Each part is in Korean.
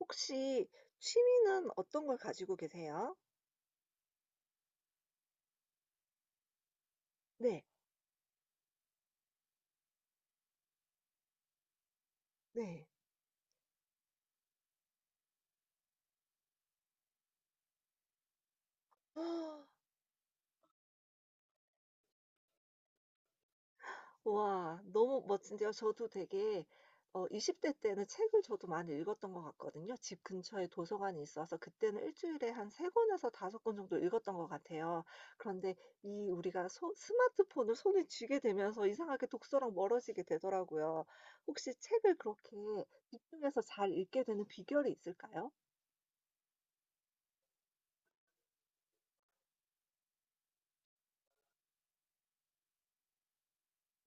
혹시 취미는 어떤 걸 가지고 계세요? 네. 네. 와, 너무 멋진데요. 저도 되게 20대 때는 책을 저도 많이 읽었던 것 같거든요. 집 근처에 도서관이 있어서 그때는 일 주일에 한 3 권에서 5권 정도 읽었던 것 같아요. 그런데 이 우리가 스마트폰을 손에 쥐게 되면서 이상하게 독서랑 멀어지게 되더라고요. 혹시 책을 그렇게 집중해서 잘 읽게 되는 비결이 있을까요?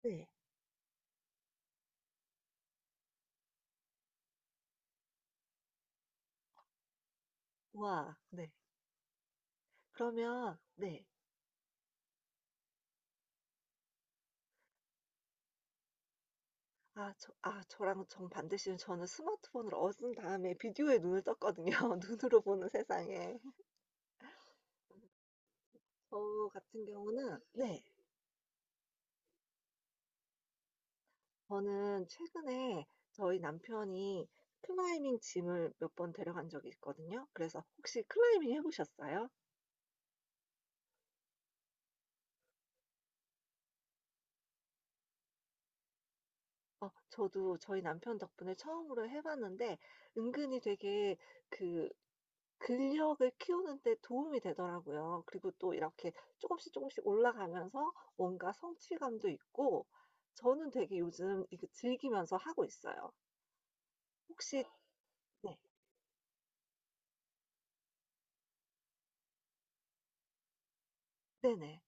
네. 와. 네. 그러면 네. 저랑 정반대시, 저는 스마트폰을 얻은 다음에 비디오에 눈을 떴거든요, 눈으로 보는 세상에. 저 같은 경우는. 네. 저는 최근에 저희 남편이 클라이밍 짐을 몇 번 데려간 적이 있거든요. 그래서 "혹시 클라이밍 해 보셨어요?" 저도 저희 남편 덕분에 처음으로 해 봤는데, 은근히 되게 그 근력을 키우는 데 도움이 되더라고요. 그리고 또 이렇게 조금씩 조금씩 올라가면서 뭔가 성취감도 있고, 저는 되게 요즘 이거 즐기면서 하고 있어요. 혹시. 네. 네네.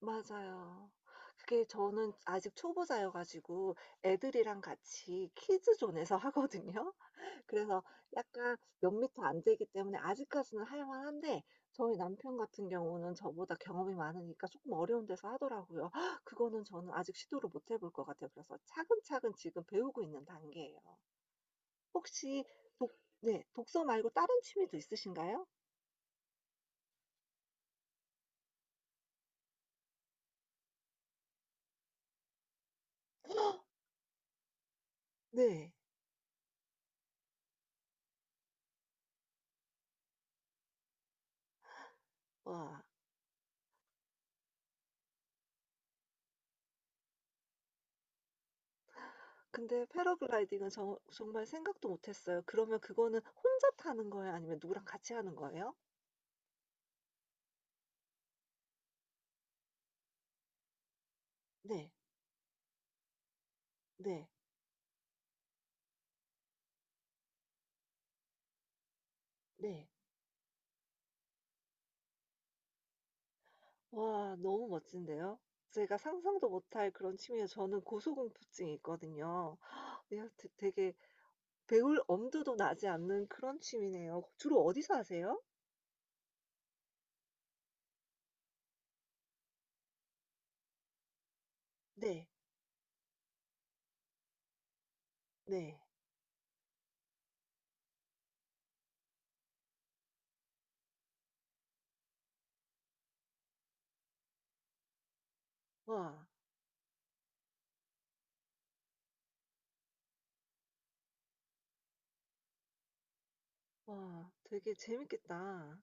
맞아요. 그게 저는 아직 초보자여 가지고 애들이랑 같이 키즈 존에서 하거든요. 그래서 약간 몇 미터 안 되기 때문에 아직까지는 할 만한데, 저희 남편 같은 경우는 저보다 경험이 많으니까 조금 어려운 데서 하더라고요. 그거는 저는 아직 시도를 못 해볼 것 같아요. 그래서 차근차근 지금 배우고 있는 단계예요. 혹시 독 네, 독서 말고 다른 취미도 있으신가요? 네. 와. 근데 패러글라이딩은 저 정말 생각도 못 했어요. 그러면 그거는 혼자 타는 거예요? 아니면 누구랑 같이 하는 거예요? 네. 네. 네. 와, 너무 멋진데요. 제가 상상도 못할 그런 취미예요. 저는 고소공포증이 있거든요. 네, 되 되게 배울 엄두도 나지 않는 그런 취미네요. 주로 어디서 하세요? 네. 네. 와. 와, 되게 재밌겠다.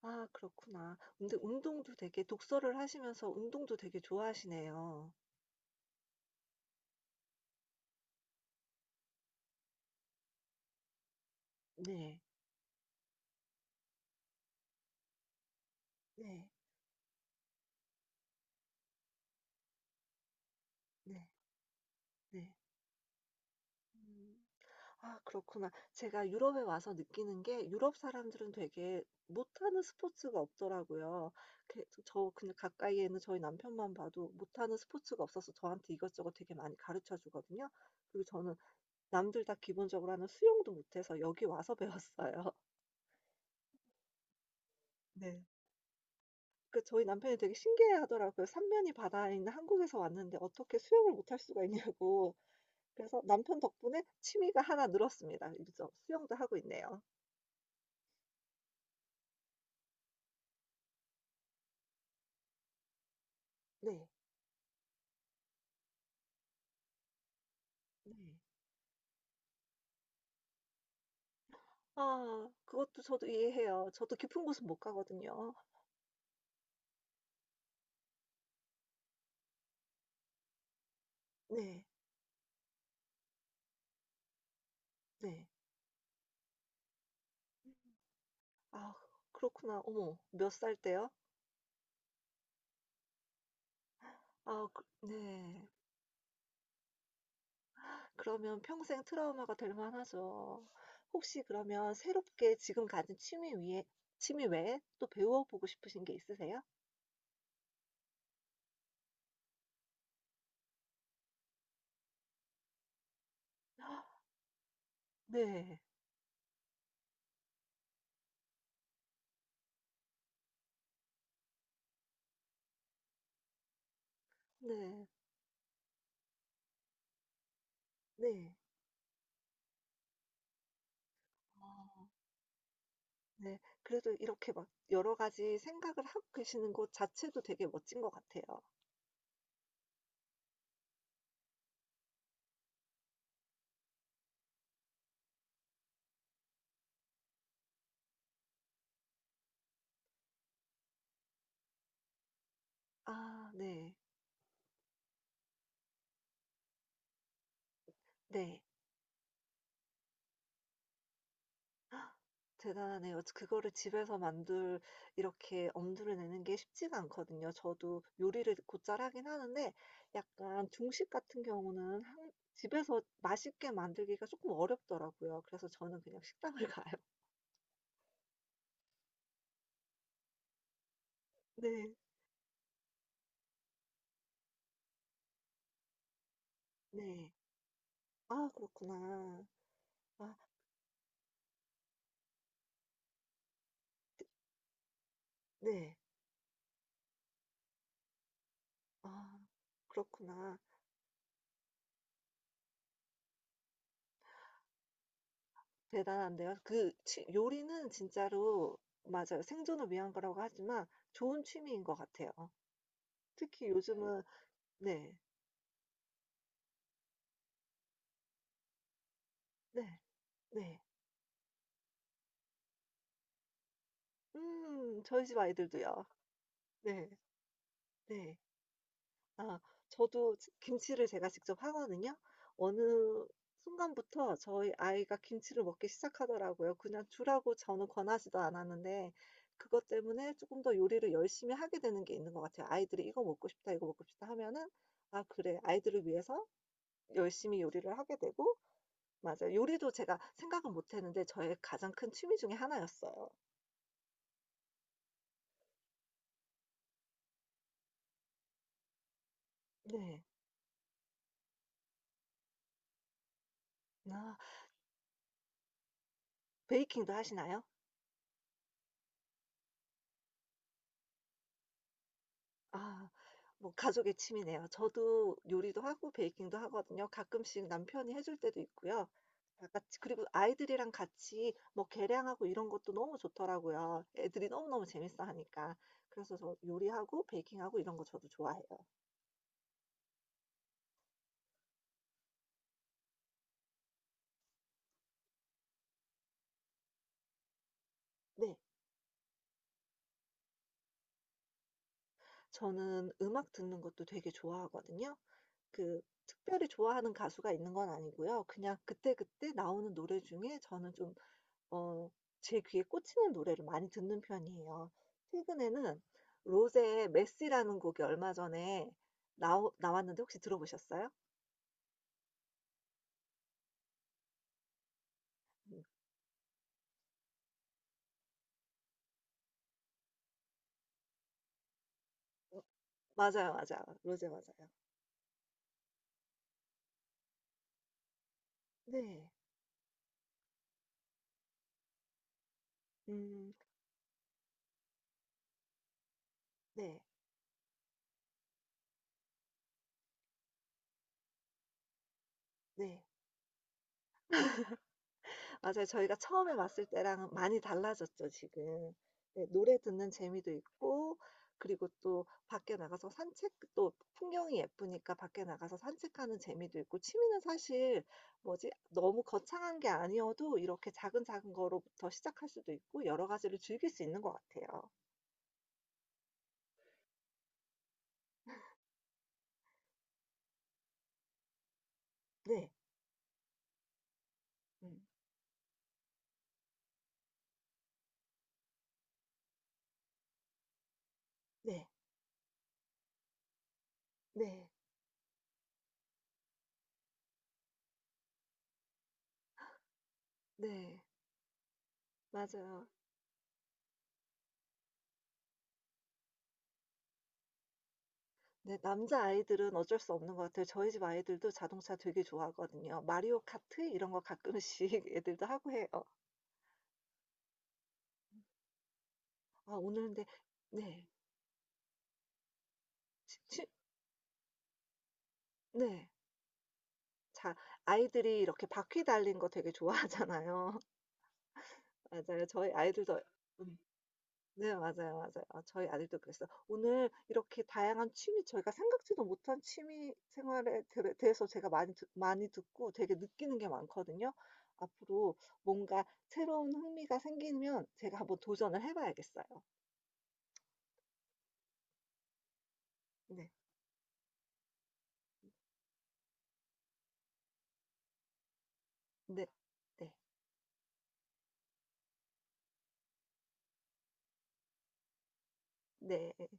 아, 그렇구나. 근데 운동도 되게 독서를 하시면서 운동도 되게 좋아하시네요. 네. 네. 네. 네. 음. 아, 그렇구나. 제가 유럽에 와서 느끼는 게, 유럽 사람들은 되게 못하는 스포츠가 없더라고요. 그 저 그냥 가까이에 있는 저희 남편만 봐도 못하는 스포츠가 없어서 저한테 이것저것 되게 많이 가르쳐 주거든요. 그리고 저는 남들 다 기본적으로 하는 수영도 못해서 여기 와서 배웠어요. 네. 그 저희 남편이 되게 신기해하더라고요. 삼면이 바다에 있는 한국에서 왔는데 어떻게 수영을 못할 수가 있냐고. 그래서 남편 덕분에 취미가 하나 늘었습니다. 그래서 수영도 하고 있네요. 네. 네. 아, 그것도 저도 이해해요. 저도 깊은 곳은 못 가거든요. 네. 네. 아, 그렇구나. 어머, 몇 살 때요? 아 네. 그러면 평생 트라우마가 될 만하죠. 혹시 그러면 새롭게 지금 가진 취미 외에 또 배워 보고 싶으신 게 있으세요? 네. 네. 네. 아, 네. 그래도 이렇게 막 여러 가지 생각을 하고 계시는 것 자체도 되게 멋진 것 같아요. 아, 네. 네. 대단하네요. 그거를 집에서 만들, 이렇게 엄두를 내는 게 쉽지가 않거든요. 저도 요리를 곧잘 하긴 하는데, 약간 중식 같은 경우는 한 집에서 맛있게 만들기가 조금 어렵더라고요. 그래서 저는 그냥 식당을 가요. 네. 네. 아, 그렇구나. 아, 네. 네. 아, 그렇구나. 대단한데요. 그 취 요리는 진짜로. 맞아요. 생존을 위한 거라고 하지만 좋은 취미인 것 같아요. 특히 요즘은. 네. 네. 네. 저희 집 아이들도요. 네. 네. 아, 저도 지 김치를 제가 직접 하거든요. 어느 순간부터 저희 아이가 김치를 먹기 시작하더라고요. 그냥 주라고 저는 권하지도 않았는데, 그것 때문에 쪼끔 더 요리를 열심히 하게 되는 게 있는 것 같아요. 아이들이 "이거 먹고 싶다. 이거 먹고 싶다." 하면은 '아, 그래.' 아이들을 위해서 열심히 요리를 하게 되고. 맞아요. 요리도 제가 생각은 못 했는데 저의 가장 큰 취미 중에 하나였어요. 네. 아. 베이킹도 하시나요? 아, 뭐 가족의 취미네요. 저도 요리도 하고 베이킹도 하거든요. 가끔씩 남편이 해줄 때도 있고요. 다 같이 그리고 아이들이랑 같이 뭐 계량하고 이런 것도 너무 좋더라고요, 애들이 너무너무 재밌어하니까. 그래서 저 요리하고 베이킹하고 이런 거 저도 좋아해요. 네. 저는 음악 듣는 것도 되게 좋아하거든요. 그 특별히 좋아하는 가수가 있는 건 아니고요. 그냥 그때그때 나오는 노래 중에 저는 좀 어 제 귀에 꽂히는 노래를 많이 듣는 편이에요. 최근에는 로제의 메시라는 곡이 얼마 전에 나 나왔는데 혹시 들어보셨어요? 음. 어, 맞아요, 맞아요. 로제 맞아요. 네. 음. 네. 네. 맞아요. 저희가 처음에 왔을 때랑 많이 달라졌죠, 지금. 네, 노래 듣는 재미도 있고, 그리고 또 밖에 나가서 산책, 또 풍경이 예쁘니까 밖에 나가서 산책하는 재미도 있고. 취미는 사실 뭐지? 너무 거창한 게 아니어도 이렇게 작은 작은 거로부터 시작할 수도 있고 여러 가지를 즐길 수 있는 것 같아요. 네. 음. 네. 네. 네. 맞아요. 네. 남자아이들은 어쩔 수 없는 것 같아요. 저희 집 아이들도 자동차 되게 좋아하거든요. 마리오 카트 이런 거 가끔씩 애들도 하고 해요. 아, 오늘 근데. 네. 치 치 네. 자, 아이들이 이렇게 바퀴 달린 거 되게 좋아하잖아요. 맞아요. 저희 아이들도. 음. 네, 맞아요, 맞아요. 아, 저희 아들도 그랬어요. 오늘 이렇게 다양한 취미, 저희가 생각지도 못한 취미 생활에 들 대해서 제가 많이 듣고 되게 느끼는 게 많거든요. 앞으로 뭔가 새로운 흥미가 생기면 제가 한번 도전을 해 봐야겠어요. 네. 네. 네. 네.